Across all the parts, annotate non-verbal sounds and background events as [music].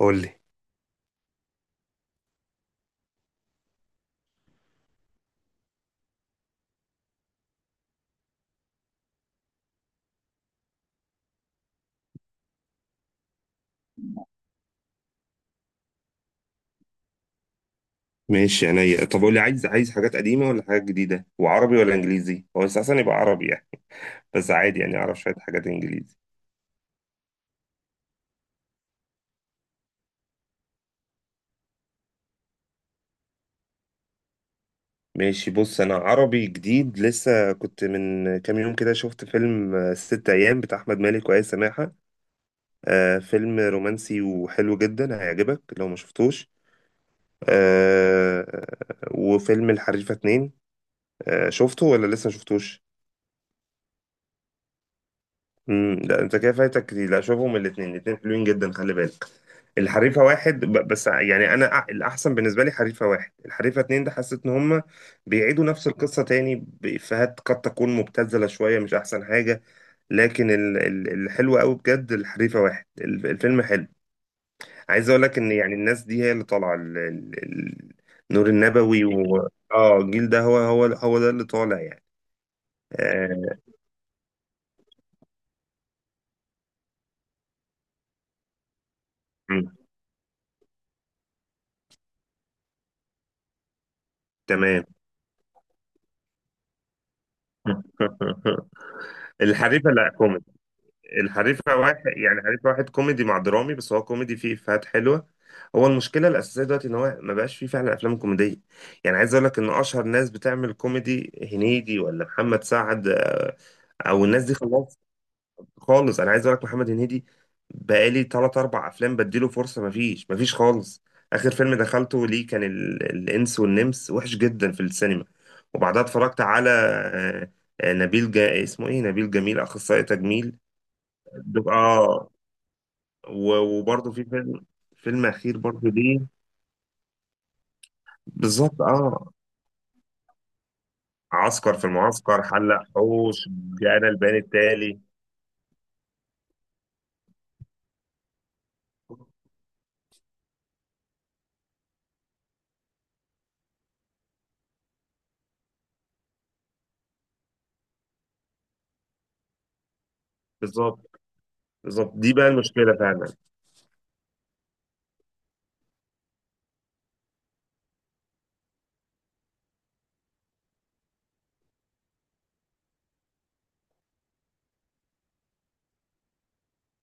قول لي. ماشي عينيا. طب قول لي، عايز حاجات قديمة ولا حاجات جديدة؟ وعربي ولا انجليزي؟ هو اساسا يبقى عربي يعني، بس عادي يعني اعرف شوية حاجات انجليزي. ماشي، بص، انا عربي جديد لسه، كنت من كام يوم كده شفت فيلم ست ايام بتاع احمد مالك وآية سماحة. فيلم رومانسي وحلو جدا، هيعجبك لو ما شفتوش. آه. وفيلم الحريفة اتنين، شفته ولا لسه ما شفتوش؟ لا، انت كده فايتك كتير، لا شوفهم، الاثنين الاثنين حلوين جدا، خلي بالك. الحريفه واحد، بس يعني انا الاحسن بالنسبه لي حريفه واحد، الحريفه اتنين ده حسيت ان هم بيعيدوا نفس القصه تاني بافيهات قد تكون مبتذله شويه، مش احسن حاجه. لكن الحلو قوي بجد الحريفه واحد، الفيلم حلو. عايز اقول لك ان يعني الناس دي هي اللي طالعه، نور النبوي و... اه الجيل ده هو ده اللي طالع يعني. آه. مم. تمام. [laughs] الحريفه، لا. الحريفة واحد، يعني الحريفة واحد كوميدي مع درامي، بس هو كوميدي فيه إفيهات حلوة. هو المشكلة الأساسية دلوقتي إن هو ما بقاش فيه فعلا أفلام كوميدية. يعني عايز أقول لك إن أشهر ناس بتعمل كوميدي هنيدي ولا محمد سعد، أو الناس دي خلاص، خالص. أنا عايز أقول لك محمد هنيدي بقالي تلات أربع أفلام بديله فرصة، مفيش، مفيش خالص. آخر فيلم دخلته ليه كان الإنس والنمس، وحش جدا في السينما. وبعدها اتفرجت على آه، نبيل اسمه إيه، نبيل جميل أخصائي تجميل. اه، وبرضه في فيلم، فيلم اخير برضه ليه. بالظبط اه. عسكر في المعسكر، حلق حوش، جانا البيان التالي. بالظبط. بالظبط، دي بقى المشكله فعلا.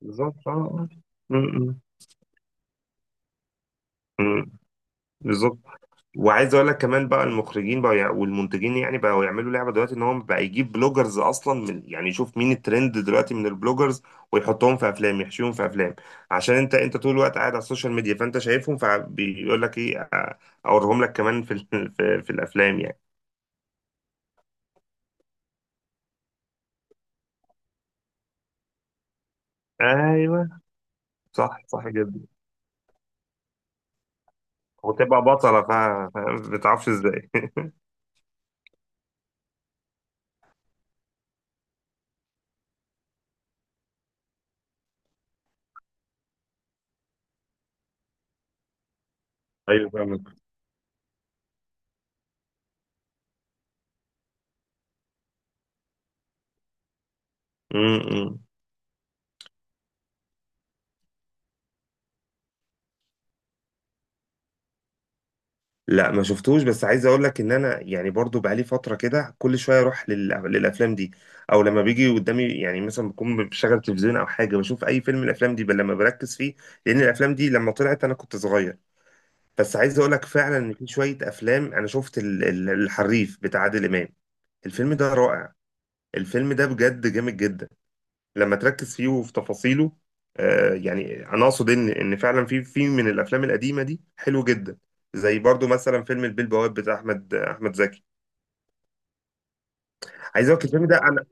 بالظبط اه. آه. م- م- م. بالظبط. وعايز اقول لك كمان بقى المخرجين بقى، والمنتجين يعني بقوا يعملوا لعبه دلوقتي ان هم بقى يجيب بلوجرز اصلا، من يعني يشوف مين الترند دلوقتي من البلوجرز، ويحطهم في افلام، يحشيهم في افلام، عشان انت، انت طول الوقت قاعد على السوشيال ميديا، فانت شايفهم، فبيقول لك ايه، اوريهم لك كمان في [laughs] في الافلام يعني. ايوه. صح، صح جدا. وتبقى بطله، فاهم؟ ما بتعرفش ازاي. [laughs] ايوه فاهمك. م- م. لا، ما شفتوش، بس عايز اقول لك ان انا يعني برضو بقالي فتره كده كل شويه اروح للافلام دي، او لما بيجي قدامي يعني، مثلا بكون بشغل تلفزيون او حاجه بشوف اي فيلم، الافلام دي بل لما بركز فيه، لان الافلام دي لما طلعت انا كنت صغير. بس عايز اقول لك فعلا ان في شويه افلام، انا شفت الحريف بتاع عادل امام. الفيلم ده رائع، الفيلم ده بجد جامد جدا لما تركز فيه وفي تفاصيله. آه، يعني انا اقصد ان ان فعلا في من الافلام القديمه دي حلو جدا. زي برضو مثلا فيلم البيه البواب بتاع احمد زكي. عايز اقول لك الفيلم ده انا،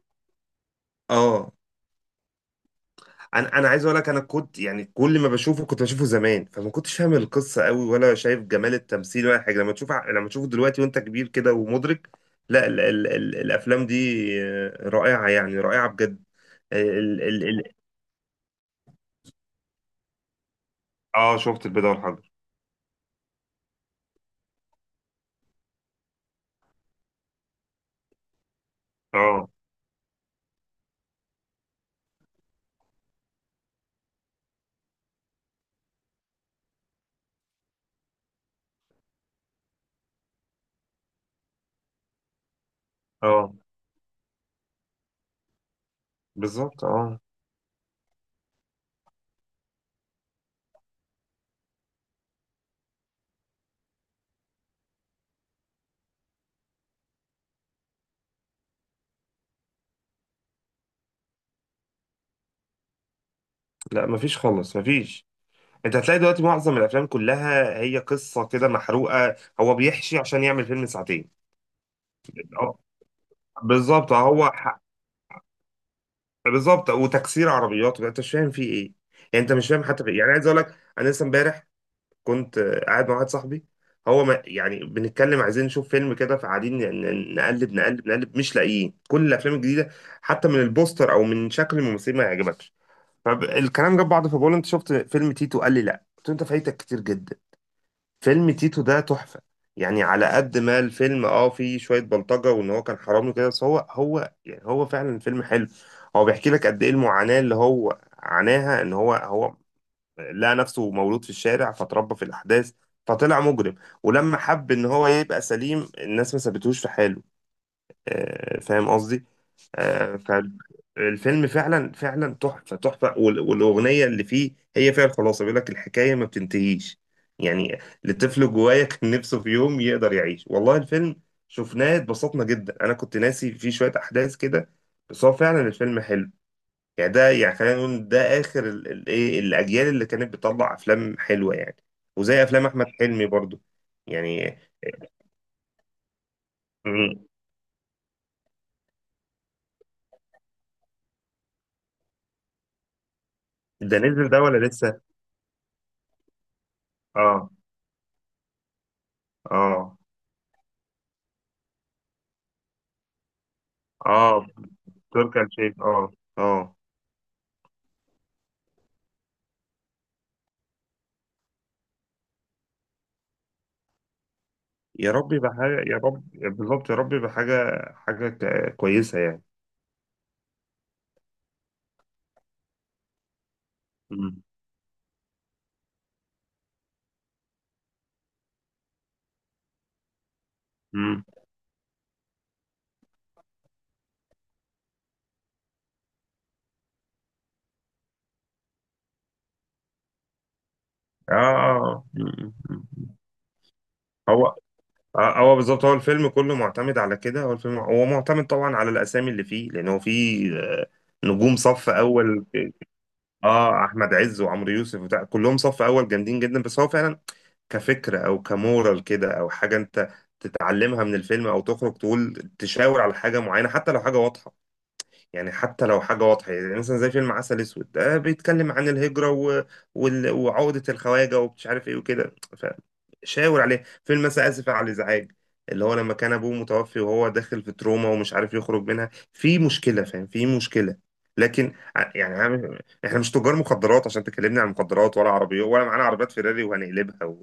اه، انا عايز اقول لك، انا كنت يعني كل ما بشوفه كنت بشوفه زمان، فما كنتش فاهم القصه قوي، ولا شايف جمال التمثيل ولا حاجه، لما تشوفه دلوقتي وانت كبير كده ومدرك، لا، ال ال ال الافلام دي رائعه يعني، رائعه بجد. ال ال ال اه، شفت البيضه والحجر. اه. اه، بالظبط اه. لا مفيش خالص، مفيش. انت هتلاقي دلوقتي معظم الافلام كلها هي قصه كده محروقه، هو بيحشي عشان يعمل فيلم ساعتين. اه، بالظبط اه، بالظبط. وتكسير عربيات، انت مش فاهم فيه ايه، يعني انت مش فاهم حتى إيه؟ يعني عايز اقول لك، انا لسه امبارح كنت قاعد مع واحد صاحبي، هو ما... يعني بنتكلم عايزين نشوف فيلم كده، فقاعدين نقلب نقلب نقلب، مش لاقيين، كل الافلام الجديده حتى من البوستر او من شكل الممثلين ما يعجبكش. فالكلام جاب بعض، فبقول له، انت شفت فيلم تيتو؟ قال لي لا، قلت له انت فايتك كتير جدا، فيلم تيتو ده تحفة. يعني على قد ما الفيلم اه فيه شوية بلطجة وان هو كان حرامي كده، بس هو يعني هو فعلا فيلم حلو. هو بيحكي لك قد ايه المعاناة اللي هو عاناها، ان هو لقى نفسه مولود في الشارع، فتربى في الاحداث، فطلع مجرم. ولما حب ان هو يبقى سليم، الناس ما سابتهوش في حاله، فاهم قصدي؟ آه. فالفيلم فعلا فعلا تحفة، تحفة، والأغنية اللي فيه هي فيها الخلاصة، بيقول لك الحكاية ما بتنتهيش، يعني لطفل جوايا [laughs] كان نفسه في يوم يقدر يعيش. والله الفيلم شفناه اتبسطنا جدا، أنا كنت ناسي فيه شوية أحداث كده، بس هو فعلا الفيلم حلو. يعني ده، يعني خلينا نقول ده آخر إيه، الأجيال اللي كانت بتطلع أفلام حلوة يعني، وزي أفلام أحمد حلمي برضو يعني. مم. ده نزل ده ولا لسه؟ آه. آه. اه، تركي آل الشيخ، اه. اه. يا رب يبقى حاجة، يا رب. بالظبط، يا رب يبقى حاجة، كويسة يعني. مم. مم. اه، اه. مم. مم. هو، هو بالظبط، هو الفيلم كله معتمد على كده، هو الفيلم هو معتمد طبعا على الأسامي اللي فيه، لأن هو فيه، نجوم صف أول، اه أحمد عز وعمرو يوسف وبتاع كلهم صف أول جامدين جدا، بس هو فعلا كفكرة أو كمورال كده أو حاجة أنت تتعلمها من الفيلم أو تخرج تقول تشاور على حاجة معينة حتى لو حاجة واضحة. يعني حتى لو حاجة واضحة، يعني مثلا زي فيلم عسل أسود ده بيتكلم عن الهجرة، وعقدة الخواجة ومش عارف إيه وكده، فشاور عليه. فيلم مثلا آسف على الإزعاج، اللي هو لما كان أبوه متوفي وهو داخل في تروما ومش عارف يخرج منها، في مشكلة، فاهم، في مشكلة. لكن احنا مش تجار مخدرات عشان تكلمني عن مخدرات ولا عربيات، ولا معانا عربيات فيراري وهنقلبها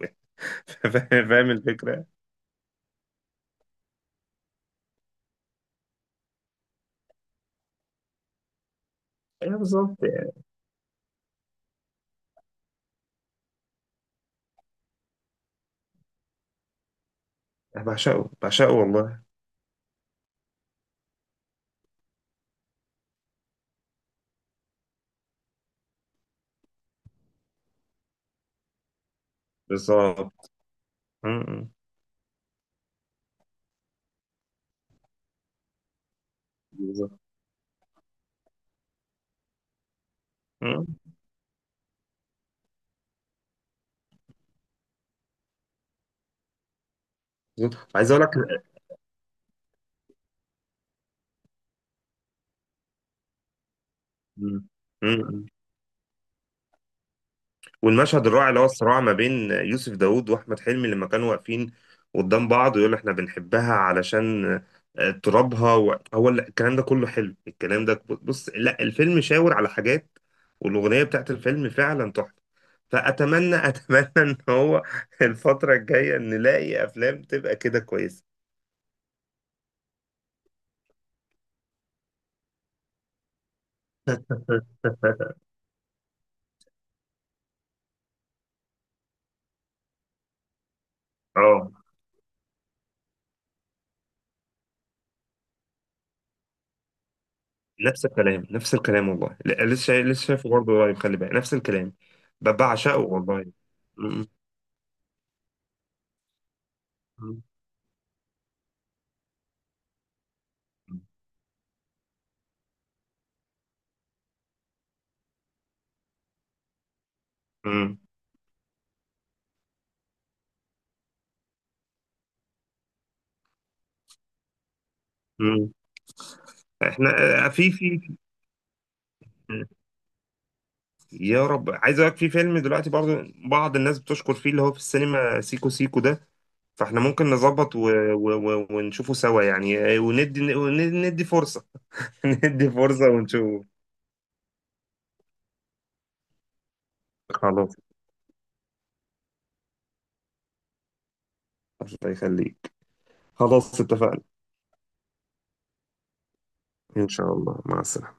[laughs] فاهم، فاهم الفكرة؟ ايوه بالظبط يعني. أنا بعشقه، بعشقه والله. بالظبط. م- م. بالظبط. م. بالظبط. عايز اقول لك. مم. مم. والمشهد الرائع اللي هو الصراع ما بين يوسف داوود واحمد حلمي لما كانوا واقفين قدام بعض، ويقول احنا بنحبها علشان ترابها، الكلام ده كله حلو. الكلام ده بص، لا الفيلم شاور على حاجات، والاغنيه بتاعت الفيلم فعلا تحفه. فاتمنى، [laughs] اتمنى ان هو الفتره الجايه نلاقي افلام تبقى كده كويسه. [laughs] اه، نفس الكلام، نفس الكلام والله، لا، لسه شايف، لسه شايفه برضه قريب، خلي بالك، نفس الكلام. بعشقه والله. م- م- م- م. احنا، في يا رب، عايز اقول لك، في فيلم دلوقتي برضه بعض الناس بتشكر فيه اللي هو في السينما، سيكو سيكو ده، فاحنا ممكن نظبط ونشوفه سوا يعني، وندي، ندي فرصة. [laughs] ندي فرصة ونشوفه. خلاص. الله يخليك. خلاص اتفقنا. إن شاء الله، مع السلامة.